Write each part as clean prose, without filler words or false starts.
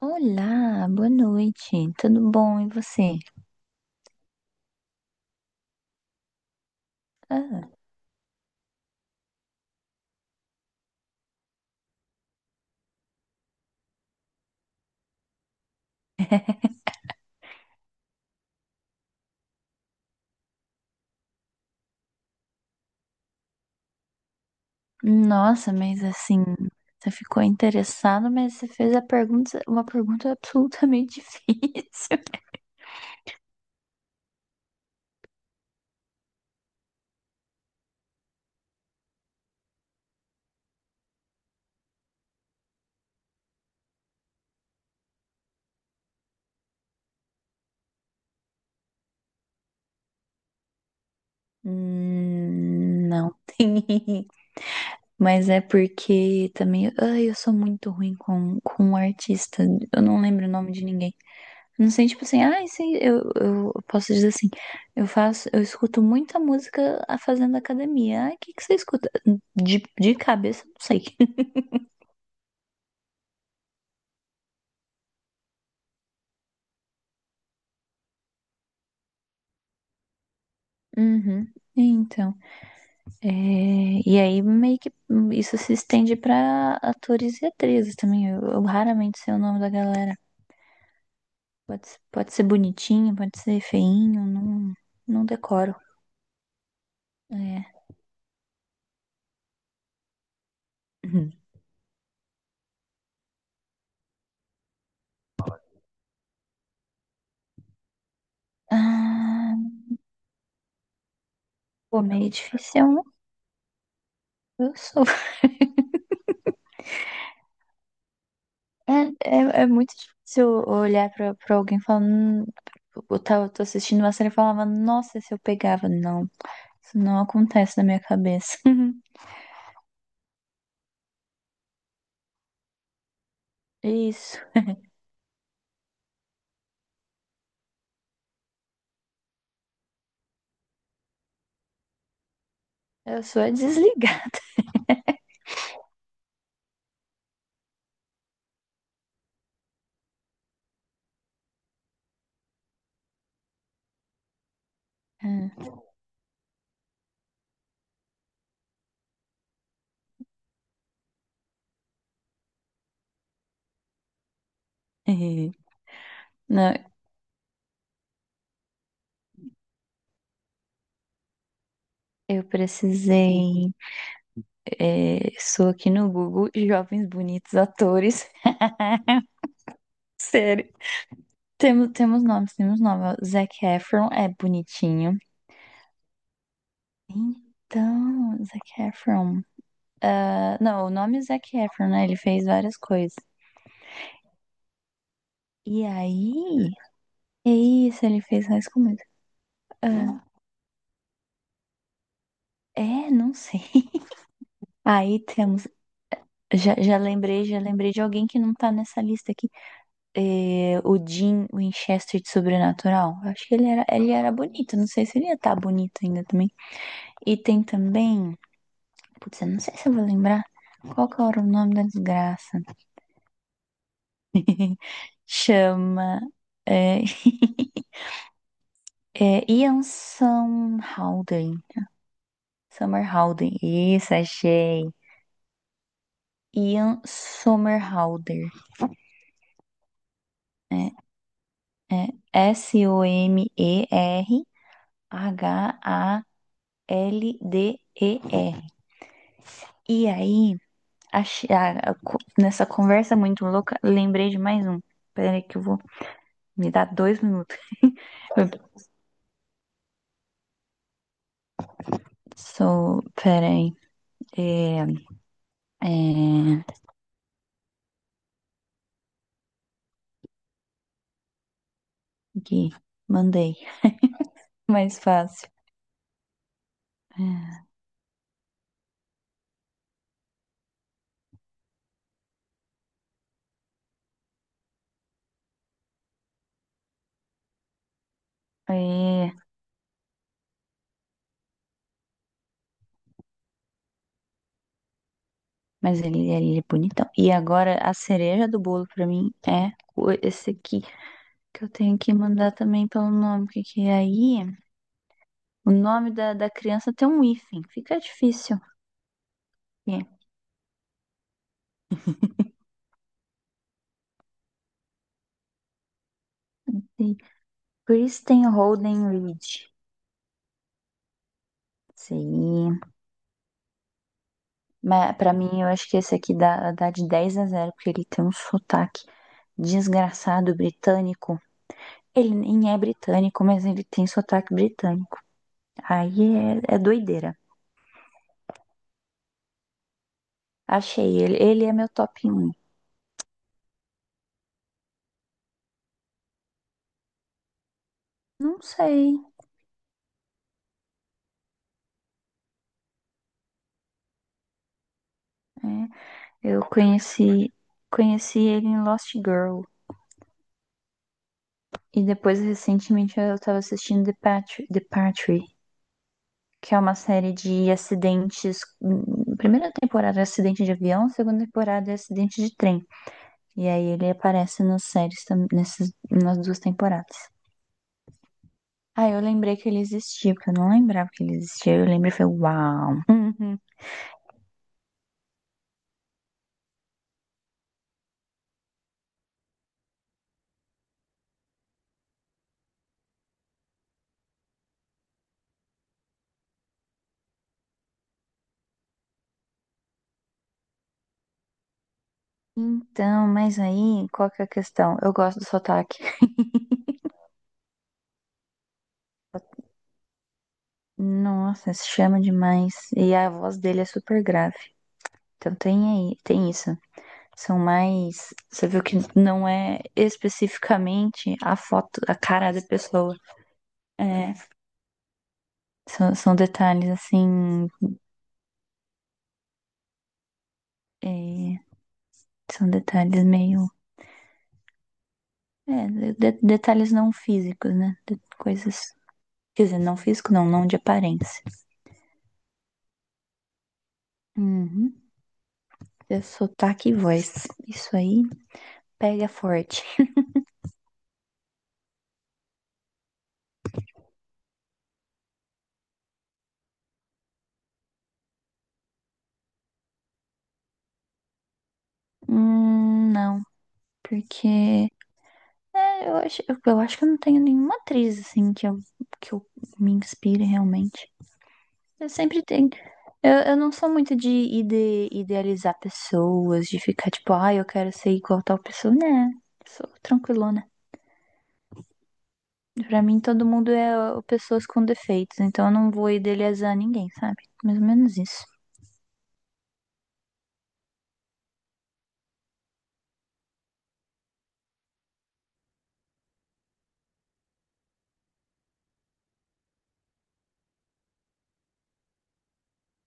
Olá, boa noite. Tudo bom? E você? Ah, nossa, mas assim, você ficou interessado, mas você fez uma pergunta absolutamente difícil. Não tem. Mas é porque também, ai, eu sou muito ruim com um artista. Eu não lembro o nome de ninguém. Não sei, tipo assim, ai, sei, eu posso dizer assim, eu faço, eu escuto muita música fazendo academia. Ah, o que que você escuta? De cabeça, não sei. Uhum. Então, é, e aí meio que isso se estende pra atores e atrizes também. Eu raramente sei o nome da galera. Pode ser bonitinho, pode ser feinho, não, não decoro. É. Ah, pô, meio difícil, né? Eu sou. É muito difícil olhar pra alguém falando "hum". Tô assistindo uma série e falava, nossa, se eu pegava. Não, isso não acontece na minha cabeça. Isso, eu sou a desligar. Não, eu precisei. Sou aqui no Google, jovens bonitos atores. Sério. Temos, temos nomes, temos nomes. Zac Efron é bonitinho. Então, Zac Efron. Ah, não, o nome é Zac Efron, né? Ele fez várias coisas. E aí? É isso, ele fez mais comédia. Ah, é, não sei. Aí temos. Já lembrei de alguém que não tá nessa lista aqui. É, o Jim Winchester de Sobrenatural. Eu acho que ele era bonito. Não sei se ele ia estar bonito ainda também. E tem também. Putz, eu não sei se eu vou lembrar. Qual que era o nome da desgraça? Chama. É, é Ian Somerhalder. Summerhalder. Isso, achei. Ian Somerhalder. É, é Somerhalder. ERHALDER. E aí, nessa conversa muito louca, lembrei de mais um. Peraí que eu vou... Me dá 2 minutos. Eu sou... Peraí. É, é, aqui. Mandei. Mais fácil. É. Mas ele é bonitão. E agora a cereja do bolo pra mim é o- esse aqui, que eu tenho que mandar também pelo nome, porque que é aí o nome da, da criança tem um hífen, fica difícil. É. Tem Kristen Holden Reed. Sim. Mas pra mim eu acho que esse aqui dá de 10 a 0 porque ele tem um sotaque desgraçado britânico. Ele nem é britânico, mas ele tem sotaque britânico. Aí é doideira. Achei ele. Ele é meu top um. Não sei. Né? Eu conheci, conheci ele em Lost Girl. E depois, recentemente, eu tava assistindo The Patri, que é uma série de acidentes. Hum, primeira temporada é acidente de avião, segunda temporada é acidente de trem. E aí ele aparece nas séries, nas 2 temporadas. Ah, eu lembrei que ele existia, porque eu não lembrava que ele existia. Eu lembrei e falei, uau! Uhum. Então, mas aí, qual que é a questão? Eu gosto do sotaque. Nossa, se chama demais. E a voz dele é super grave. Então tem aí, tem isso. São mais. Você viu que não é especificamente a foto, a cara da pessoa. É, são detalhes assim. É, são detalhes meio. Detalhes não físicos, né? De coisas. Quer dizer, não físico, não de aparência. Uhum. É sotaque e voz. Isso aí pega forte. Não, porque. É, eu acho que eu não tenho nenhuma atriz, assim, que eu me inspire realmente. Eu sempre tenho. Eu não sou muito idealizar pessoas, de ficar tipo, ah, eu quero ser igual a tal pessoa. Né, sou tranquilona. Pra mim, todo mundo é ó, pessoas com defeitos, então eu não vou idealizar ninguém, sabe? Mais ou menos isso.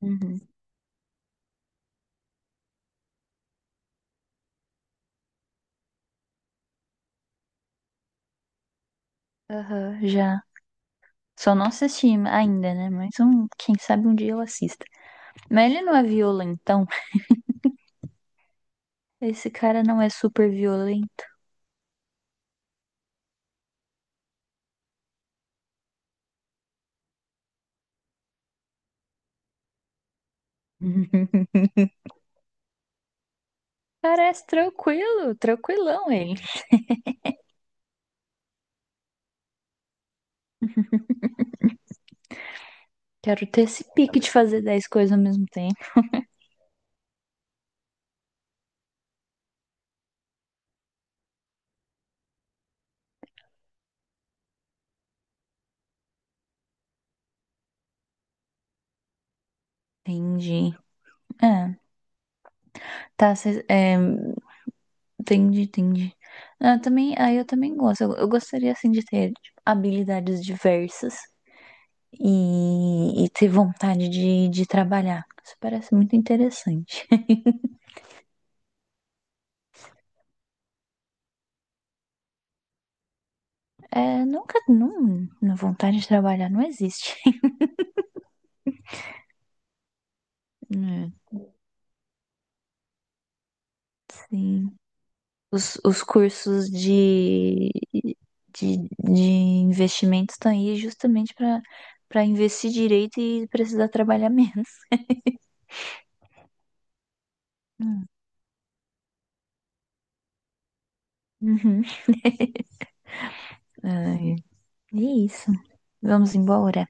Uhum. Aham, já. Só não assisti ainda, né? Mas um, quem sabe um dia eu assista. Mas ele não é violentão. Esse cara não é super violento. Parece tranquilo, tranquilão ele. Quero ter esse pique de fazer 10 coisas ao mesmo tempo. Entendi. É, tá, cês- é, entendi, entendi. Ah, também, aí eu também gosto. Eu gostaria, assim, de ter tipo, habilidades diversas e ter vontade de trabalhar. Isso parece muito interessante. É, nunca, não, vontade de trabalhar não existe. É, sim. Os cursos de, de investimentos estão aí justamente para investir direito e precisar trabalhar menos. Hum. Uhum. Ai, é isso. Vamos embora.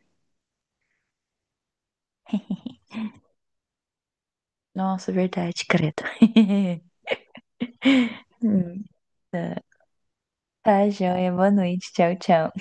Nossa, verdade, credo. Hum, tá, tá, joia. Boa noite. Tchau, tchau.